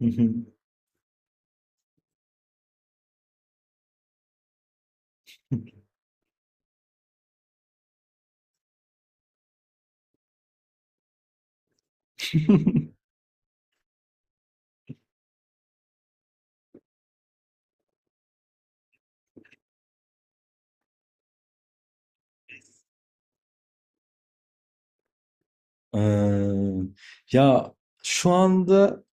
Hı hı. Eee, ya şu anda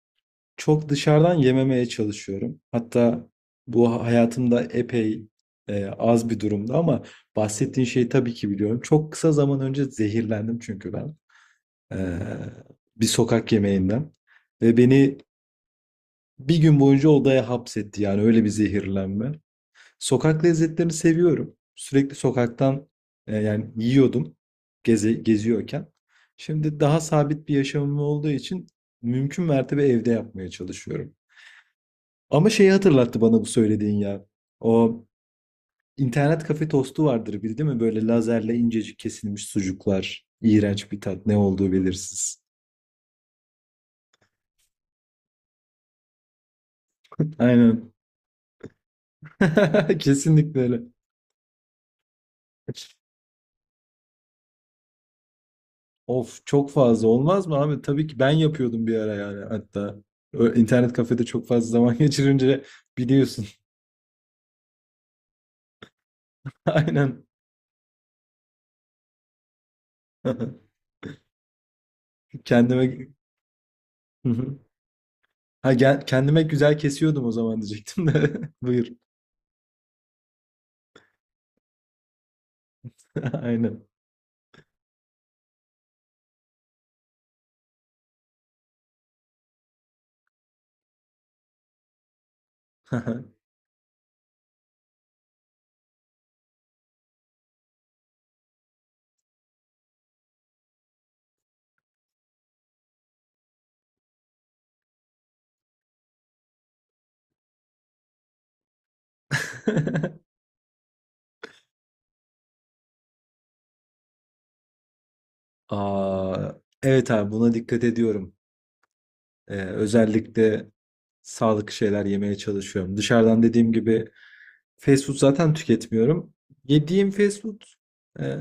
çok dışarıdan yememeye çalışıyorum. Hatta bu hayatımda epey az bir durumda ama bahsettiğin şeyi tabii ki biliyorum. Çok kısa zaman önce zehirlendim, çünkü ben eee, bir sokak yemeğinden ve beni bir gün boyunca odaya hapsetti, yani öyle bir zehirlenme. Sokak lezzetlerini seviyorum. Sürekli sokaktan, yiyordum geze geziyorken. Şimdi daha sabit bir yaşamım olduğu için mümkün mertebe evde yapmaya çalışıyorum. Ama şeyi hatırlattı bana bu söylediğin ya. O internet kafe tostu vardır bir, değil mi? Böyle lazerle incecik kesilmiş sucuklar. İğrenç bir tat. Ne olduğu belirsiz. Aynen. Kesinlikle öyle. Of, çok fazla olmaz mı abi? Tabii ki ben yapıyordum bir ara yani, hatta. İnternet kafede çok fazla zaman geçirince biliyorsun. Aynen. Kendime. Hı hı. Ha, kendime güzel kesiyordum o zaman diyecektim de. Buyur. Aynen. Aa, evet abi, buna dikkat ediyorum. Özellikle sağlıklı şeyler yemeye çalışıyorum. Dışarıdan, dediğim gibi, fast food zaten tüketmiyorum. Yediğim fast food e,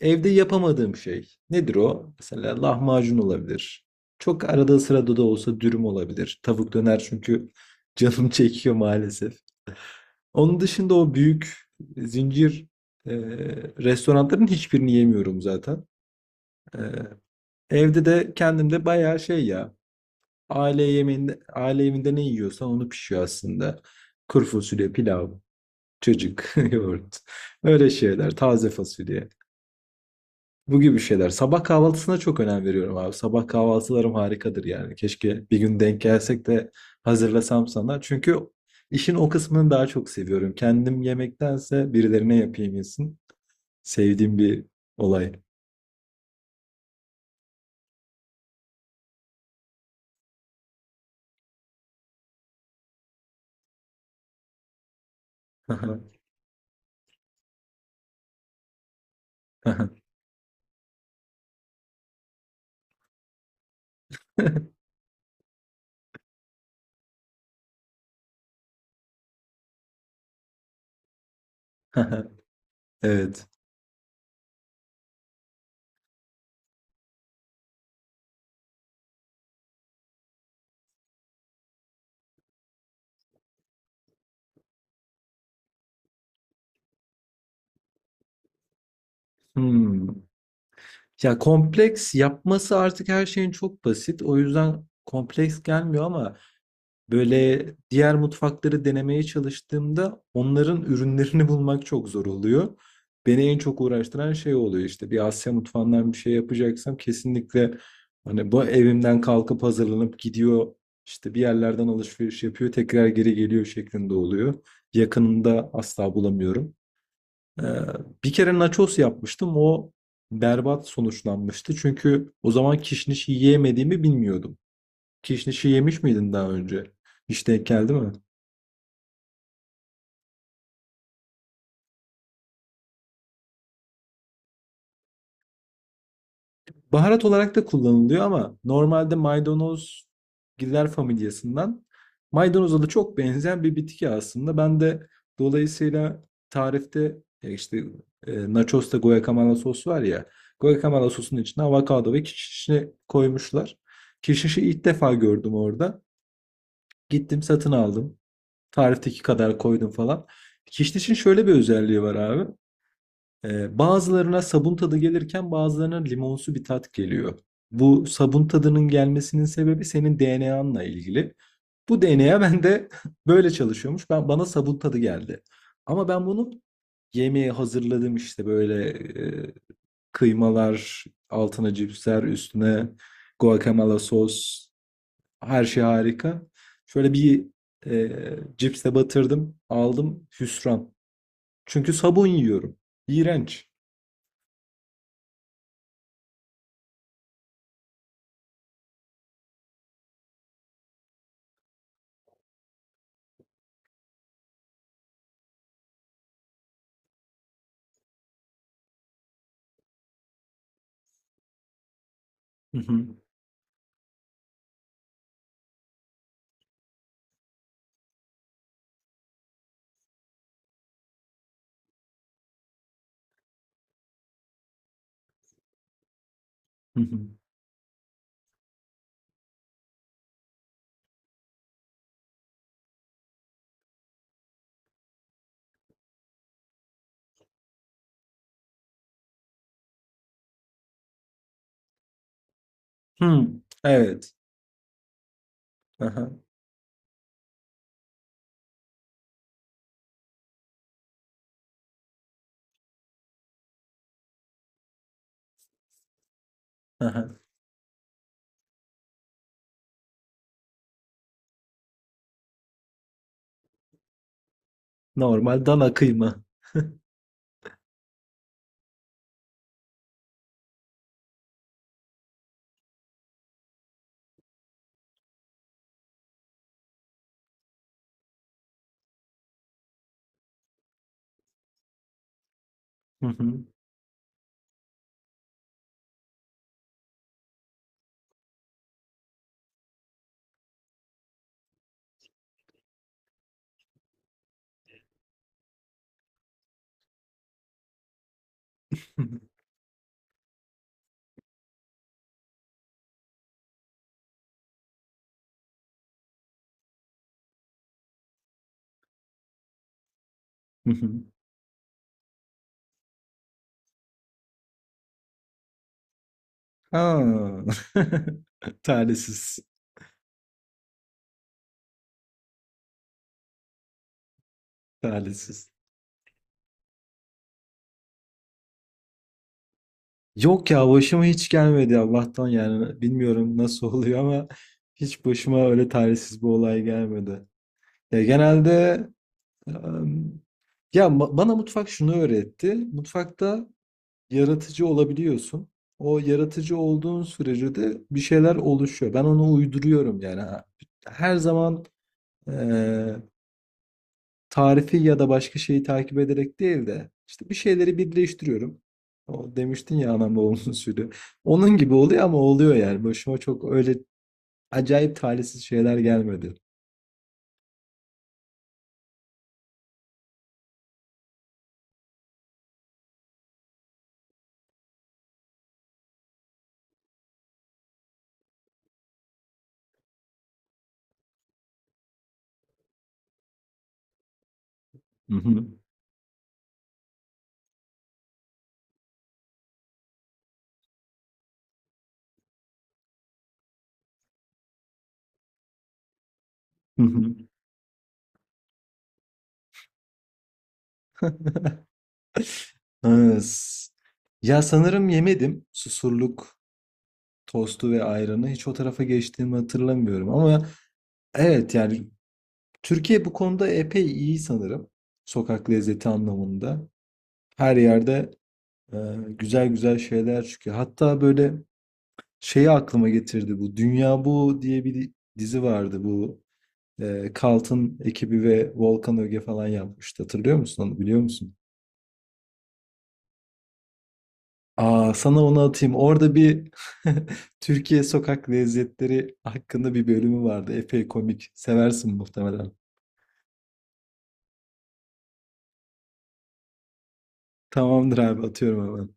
evde yapamadığım şey. Nedir o? Mesela lahmacun olabilir. Çok arada sırada da olsa dürüm olabilir. Tavuk döner, çünkü canım çekiyor maalesef. Onun dışında o büyük zincir e, restoranların hiçbirini yemiyorum zaten. E, Evde de kendimde bayağı şey ya. Aile yemeğinde, aile evinde ne yiyorsa onu pişiyor aslında. Kuru fasulye, pilav, çocuk, yoğurt. Öyle şeyler. Taze fasulye. Bu gibi şeyler. Sabah kahvaltısına çok önem veriyorum abi. Sabah kahvaltılarım harikadır yani. Keşke bir gün denk gelsek de hazırlasam sana. Çünkü işin o kısmını daha çok seviyorum. Kendim yemektense birilerine yapayım yesin. Sevdiğim bir olay. Evet. Hmm. Ya kompleks yapması artık her şeyin çok basit. O yüzden kompleks gelmiyor, ama böyle diğer mutfakları denemeye çalıştığımda onların ürünlerini bulmak çok zor oluyor. Beni en çok uğraştıran şey oluyor. İşte bir Asya mutfağından bir şey yapacaksam kesinlikle, hani, bu evimden kalkıp hazırlanıp gidiyor, işte bir yerlerden alışveriş yapıyor, tekrar geri geliyor şeklinde oluyor. Yakınında asla bulamıyorum. Ee, Bir kere nachos yapmıştım, o berbat sonuçlanmıştı, çünkü o zaman kişniş yiyemediğimi bilmiyordum. Kişnişi yemiş miydin daha önce? Hiç denk geldi mi? Baharat olarak da kullanılıyor, ama normalde maydanoz giller familyasından, maydanoza da çok benzeyen bir bitki aslında. Ben de dolayısıyla tarifte, nachos'ta guacamole sos var ya, guacamole sosunun içine avokado ve kişnişi koymuşlar. Kişnişi ilk defa gördüm orada. Gittim satın aldım. Tarifteki kadar koydum falan. Kişnişin şöyle bir özelliği var abi. Bazılarına sabun tadı gelirken bazılarına limonsu bir tat geliyor. Bu sabun tadının gelmesinin sebebi senin DNA'nla ilgili. Bu DNA bende böyle çalışıyormuş. Ben bana sabun tadı geldi. Ama ben bunu, yemeği hazırladım, işte böyle e, kıymalar, altına cipsler, üstüne guacamole sos, her şey harika. Şöyle bir cipse batırdım, aldım hüsran. Çünkü sabun yiyorum. İğrenç. Hı hı. Hıı. Evet. Aha, aha. Normal dana kıyma. Hı hı. Hı hı. Hı hı. Ha. Talihsiz, talihsiz. Yok ya, başıma hiç gelmedi Allah'tan yani. Bilmiyorum nasıl oluyor ama hiç başıma öyle talihsiz bir olay gelmedi. Ya genelde em, bana mutfak şunu öğretti. Mutfakta yaratıcı olabiliyorsun. O yaratıcı olduğun sürece de bir şeyler oluşuyor. Ben onu uyduruyorum yani. Her zaman eee, tarifi ya da başka şeyi takip ederek değil de, işte, bir şeyleri birleştiriyorum. O demiştin ya, anam babamın usulü. Onun gibi oluyor ama oluyor yani. Başıma çok öyle acayip talihsiz şeyler gelmedi. Hı hı. Hı hı. Ha, s- Ya, sanırım yemedim susurluk tostu ve ayranı. Hiç o tarafa geçtiğimi hatırlamıyorum. Ama evet yani, Türkiye bu konuda epey iyi sanırım. Sokak lezzeti anlamında. Her yerde e, güzel güzel şeyler çıkıyor. Hatta böyle şeyi aklıma getirdi bu. Dünya Bu diye bir dizi vardı bu. E, Cult'ın ekibi ve Volkan Öge falan yapmıştı. Hatırlıyor musun onu? Biliyor musun? Aa, sana onu atayım. Orada bir Türkiye sokak lezzetleri hakkında bir bölümü vardı. Epey komik. Seversin muhtemelen. Tamamdır abi, atıyorum hemen.